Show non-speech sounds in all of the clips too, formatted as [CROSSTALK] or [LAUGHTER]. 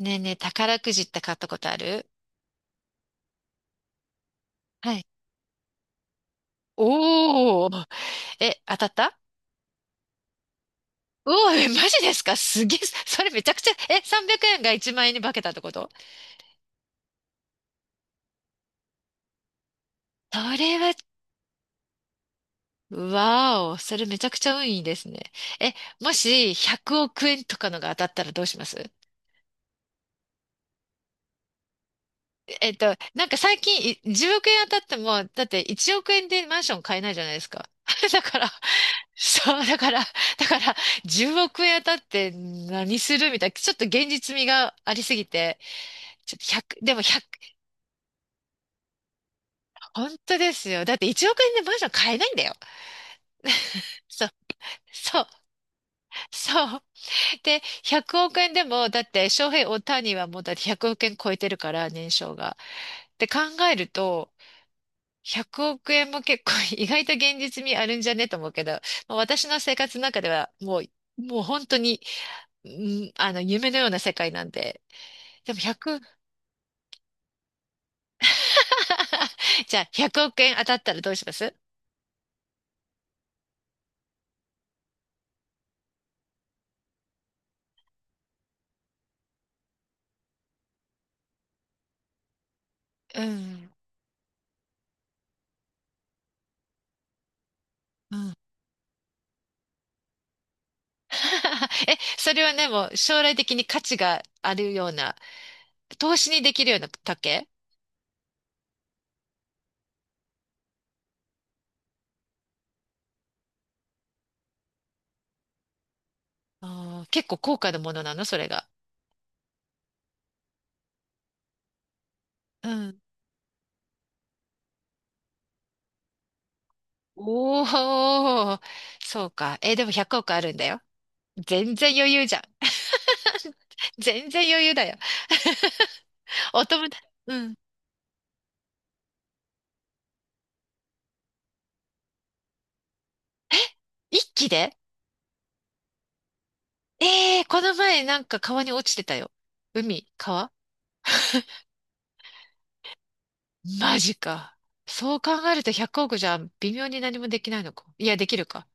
ねえねえ、宝くじって買ったことある？はい。おー。え、当たった？うおー、マジですかすげえ。それめちゃくちゃ、300円が1万円に化けたってこと？それは、わお、それめちゃくちゃ運いいですね。え、もし100億円とかのが当たったらどうします？なんか最近10億円当たっても、だって1億円でマンション買えないじゃないですか。[LAUGHS] だから、そう、だから、だから、10億円当たって何するみたいな、ちょっと現実味がありすぎて、ちょっと1でも100、本当ですよ。だって1億円でマンション買えないんだよ。そう、そう、そう。で、100億円でも、だって、翔平大谷はもうだって100億円超えてるから、年商が。って考えると、100億円も結構 [LAUGHS] 意外と現実味あるんじゃねと思うけど、まあ私の生活の中ではもう、もう本当に、うん、夢のような世界なんで。でも100、[LAUGHS] じゃあ億円当たったらどうします？うん。うん。[LAUGHS] それはね、もう将来的に価値があるような、投資にできるような竹、あー結構高価なものなの、それが。うん。おー、そうか。でも100億あるんだよ。全然余裕じゃん。全然余裕だよ。お友達、うん。一気で、ええー、この前なんか川に落ちてたよ。海、川、マジか。そう考えると100億じゃ微妙に何もできないのか。いや、できるか。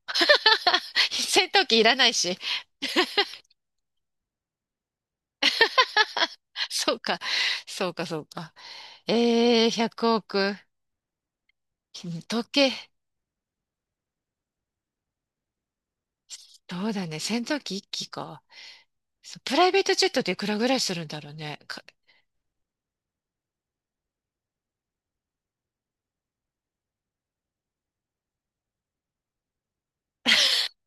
[LAUGHS] 戦闘機いらないし。そうか。そうか、そうか。ええー、100億。時計。そうだね。戦闘機一機か。そうプライベートジェットっていくらぐらいするんだろうね。か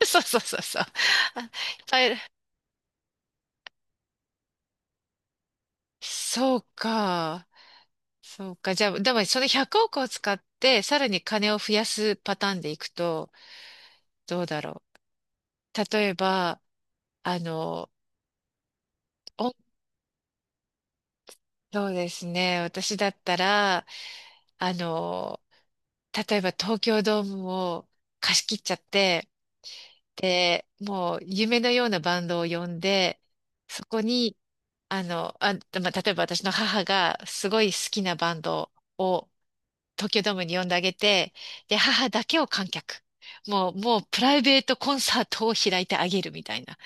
[LAUGHS] そうそうそうそう。あ、あそうか。そうか。じゃあ、でもその100億を使って、さらに金を増やすパターンでいくと、どうだろう。例えば、あの、お、そうですね。私だったら、あの、例えば東京ドームを貸し切っちゃって、で、もう夢のようなバンドを呼んで、そこに、まあ、例えば私の母がすごい好きなバンドを東京ドームに呼んであげて、で、母だけを観客。もうプライベートコンサートを開いてあげるみたいな。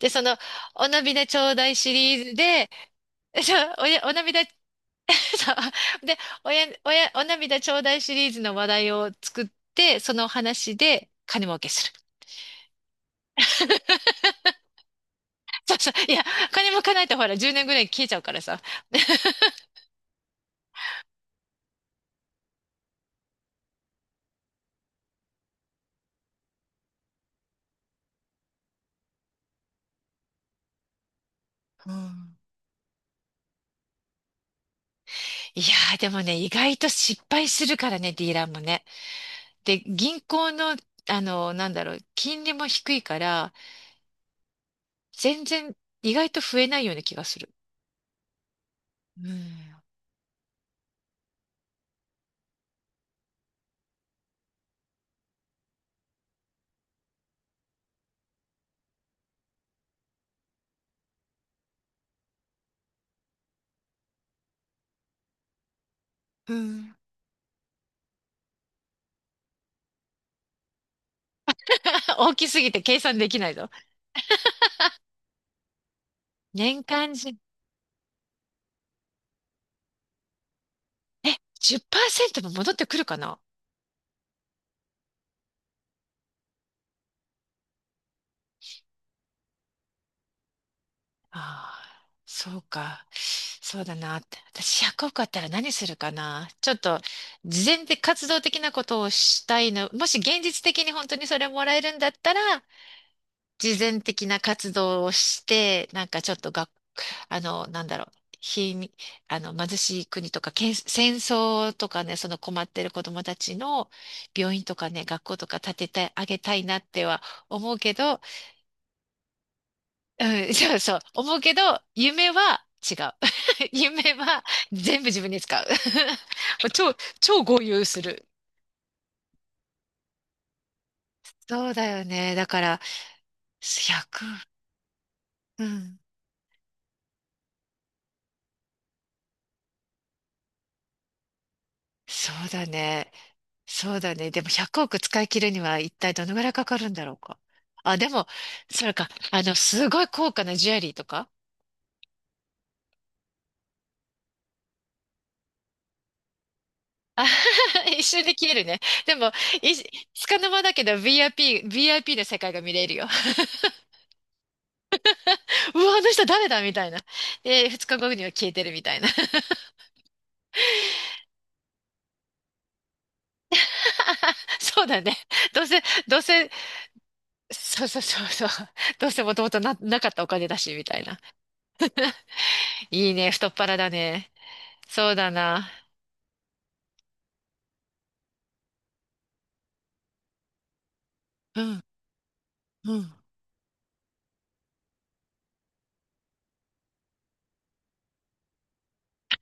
で、その、お涙ちょうだいシリーズで、[LAUGHS] じゃあおや、お涙、[LAUGHS] そうで、おや、おや、お涙ちょうだいシリーズの話題を作って、そのお話で金儲けする。[LAUGHS] そうそう。いや、金儲かないとほら、10年ぐらい消えちゃうからさ。うん。いやー、でもね、意外と失敗するからね、ディーラーもね。で、銀行の、なんだろう、金利も低いから、全然意外と増えないような気がする。うん。うん。[LAUGHS] 大きすぎて計算できないぞ。年間じ、10%も戻ってくるかな？ああ、そうか。そうだなって。私100億あったら何するかな。ちょっと、事前で活動的なことをしたいの。もし現実的に本当にそれもらえるんだったら、慈善的な活動をして、なんかちょっとが、なんだろう、貧、貧しい国とか、けん、戦争とかね、その困ってる子供たちの病院とかね、学校とか建ててあげたいなっては思うけど、うん、[LAUGHS] そうそう、思うけど、夢は違う。[LAUGHS] 夢は全部自分に使う。[LAUGHS] 超、超豪遊する。そうだよね。だから、1、うん、そうだね。そうだね。でも100億使い切るには一体どのぐらいかかるんだろうか。あ、でも、それか、すごい高価なジュエリーとか、あ [LAUGHS] 一瞬で消えるね。でも、い、つかの間だけど VIP、VIP の世界が見れるよ。[LAUGHS] うわ、あの人誰だみたいな。で、2日後には消えてるみたいな。[LAUGHS] そうだね。どうせ、どうせ、そうそうそうそう。[LAUGHS] どうせもともとな、なかったお金だし、みたいな。いいね、太っ腹だね。そうだな。うん、うん。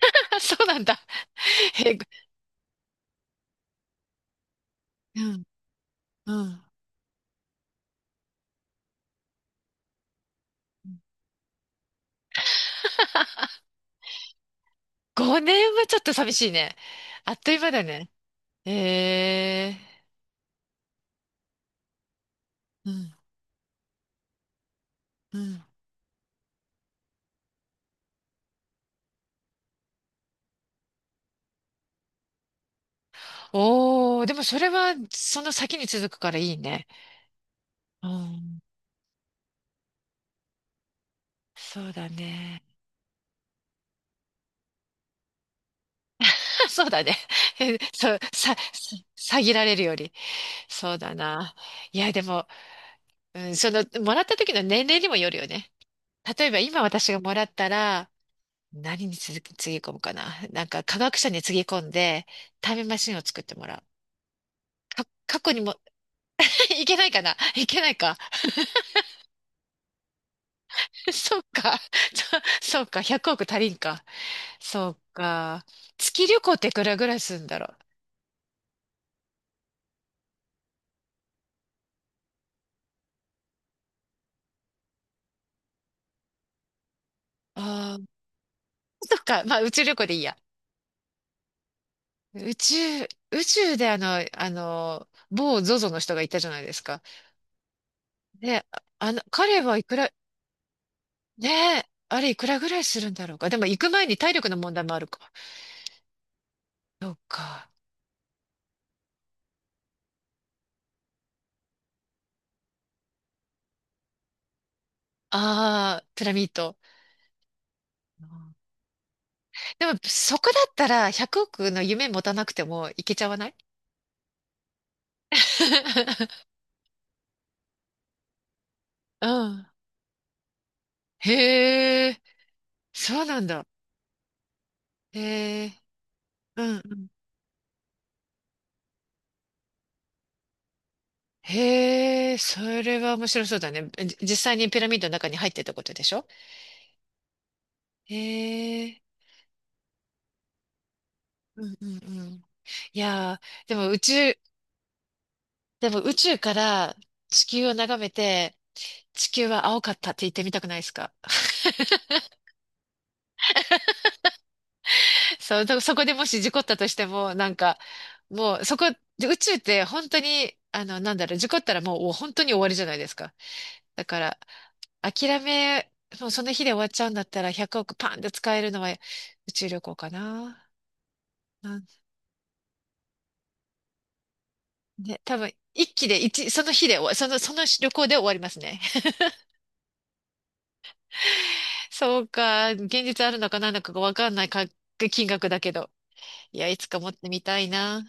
[LAUGHS] そうなんだ。えうん、うん。5年はちょっと寂しいね。あっという間だね。ええ、うん、うん。おー、でもそれは、その先に続くからいいね。うん、そうだね。[LAUGHS] そうだね。[LAUGHS] そう、さぎられるより。そうだな。いや、でも、うん、その、もらった時の年齢にもよるよね。例えば、今私がもらったら、何につぎ込むかな。なんか、科学者につぎ込んで、タイムマシンを作ってもらう。過去にも、[LAUGHS] いけないかないけないか。[LAUGHS] そうか。[LAUGHS] そそうか。100億足りんか。そうか。月旅行っていくらぐらいするんだろう。ああ、そっか。まあ、宇宙旅行でいいや。宇宙、宇宙で某ゾゾの人がいたじゃないですか。で、彼はいくら、ねえ、あれいくらぐらいするんだろうか。でも行く前に体力の問題もあるか。そうか。ああ、ピラミッド。うん、でも、そこだったら100億の夢持たなくてもいけちゃわない？ [LAUGHS] うん。へえ、そうなんだ。へえ、うんうん。へえ、それは面白そうだね。じ実際にピラミッドの中に入ってたことでしょ？へえ、うんうんうん。いやー、でも宇宙、でも宇宙から地球を眺めて、地球は青かったって言ってみたくないですか？ [LAUGHS] そう、だそこでもし事故ったとしても、なんか、もうそこ、宇宙って本当に、なんだろう、事故ったらもう本当に終わりじゃないですか。だから、諦め、もうその日で終わっちゃうんだったら100億パンで使えるのは宇宙旅行かな。なんで、多分、一気で一、その日で終わ、その、その旅行で終わりますね。[LAUGHS] そうか、現実あるのか何なのかがわかんないか金額だけど。いや、いつか持ってみたいな。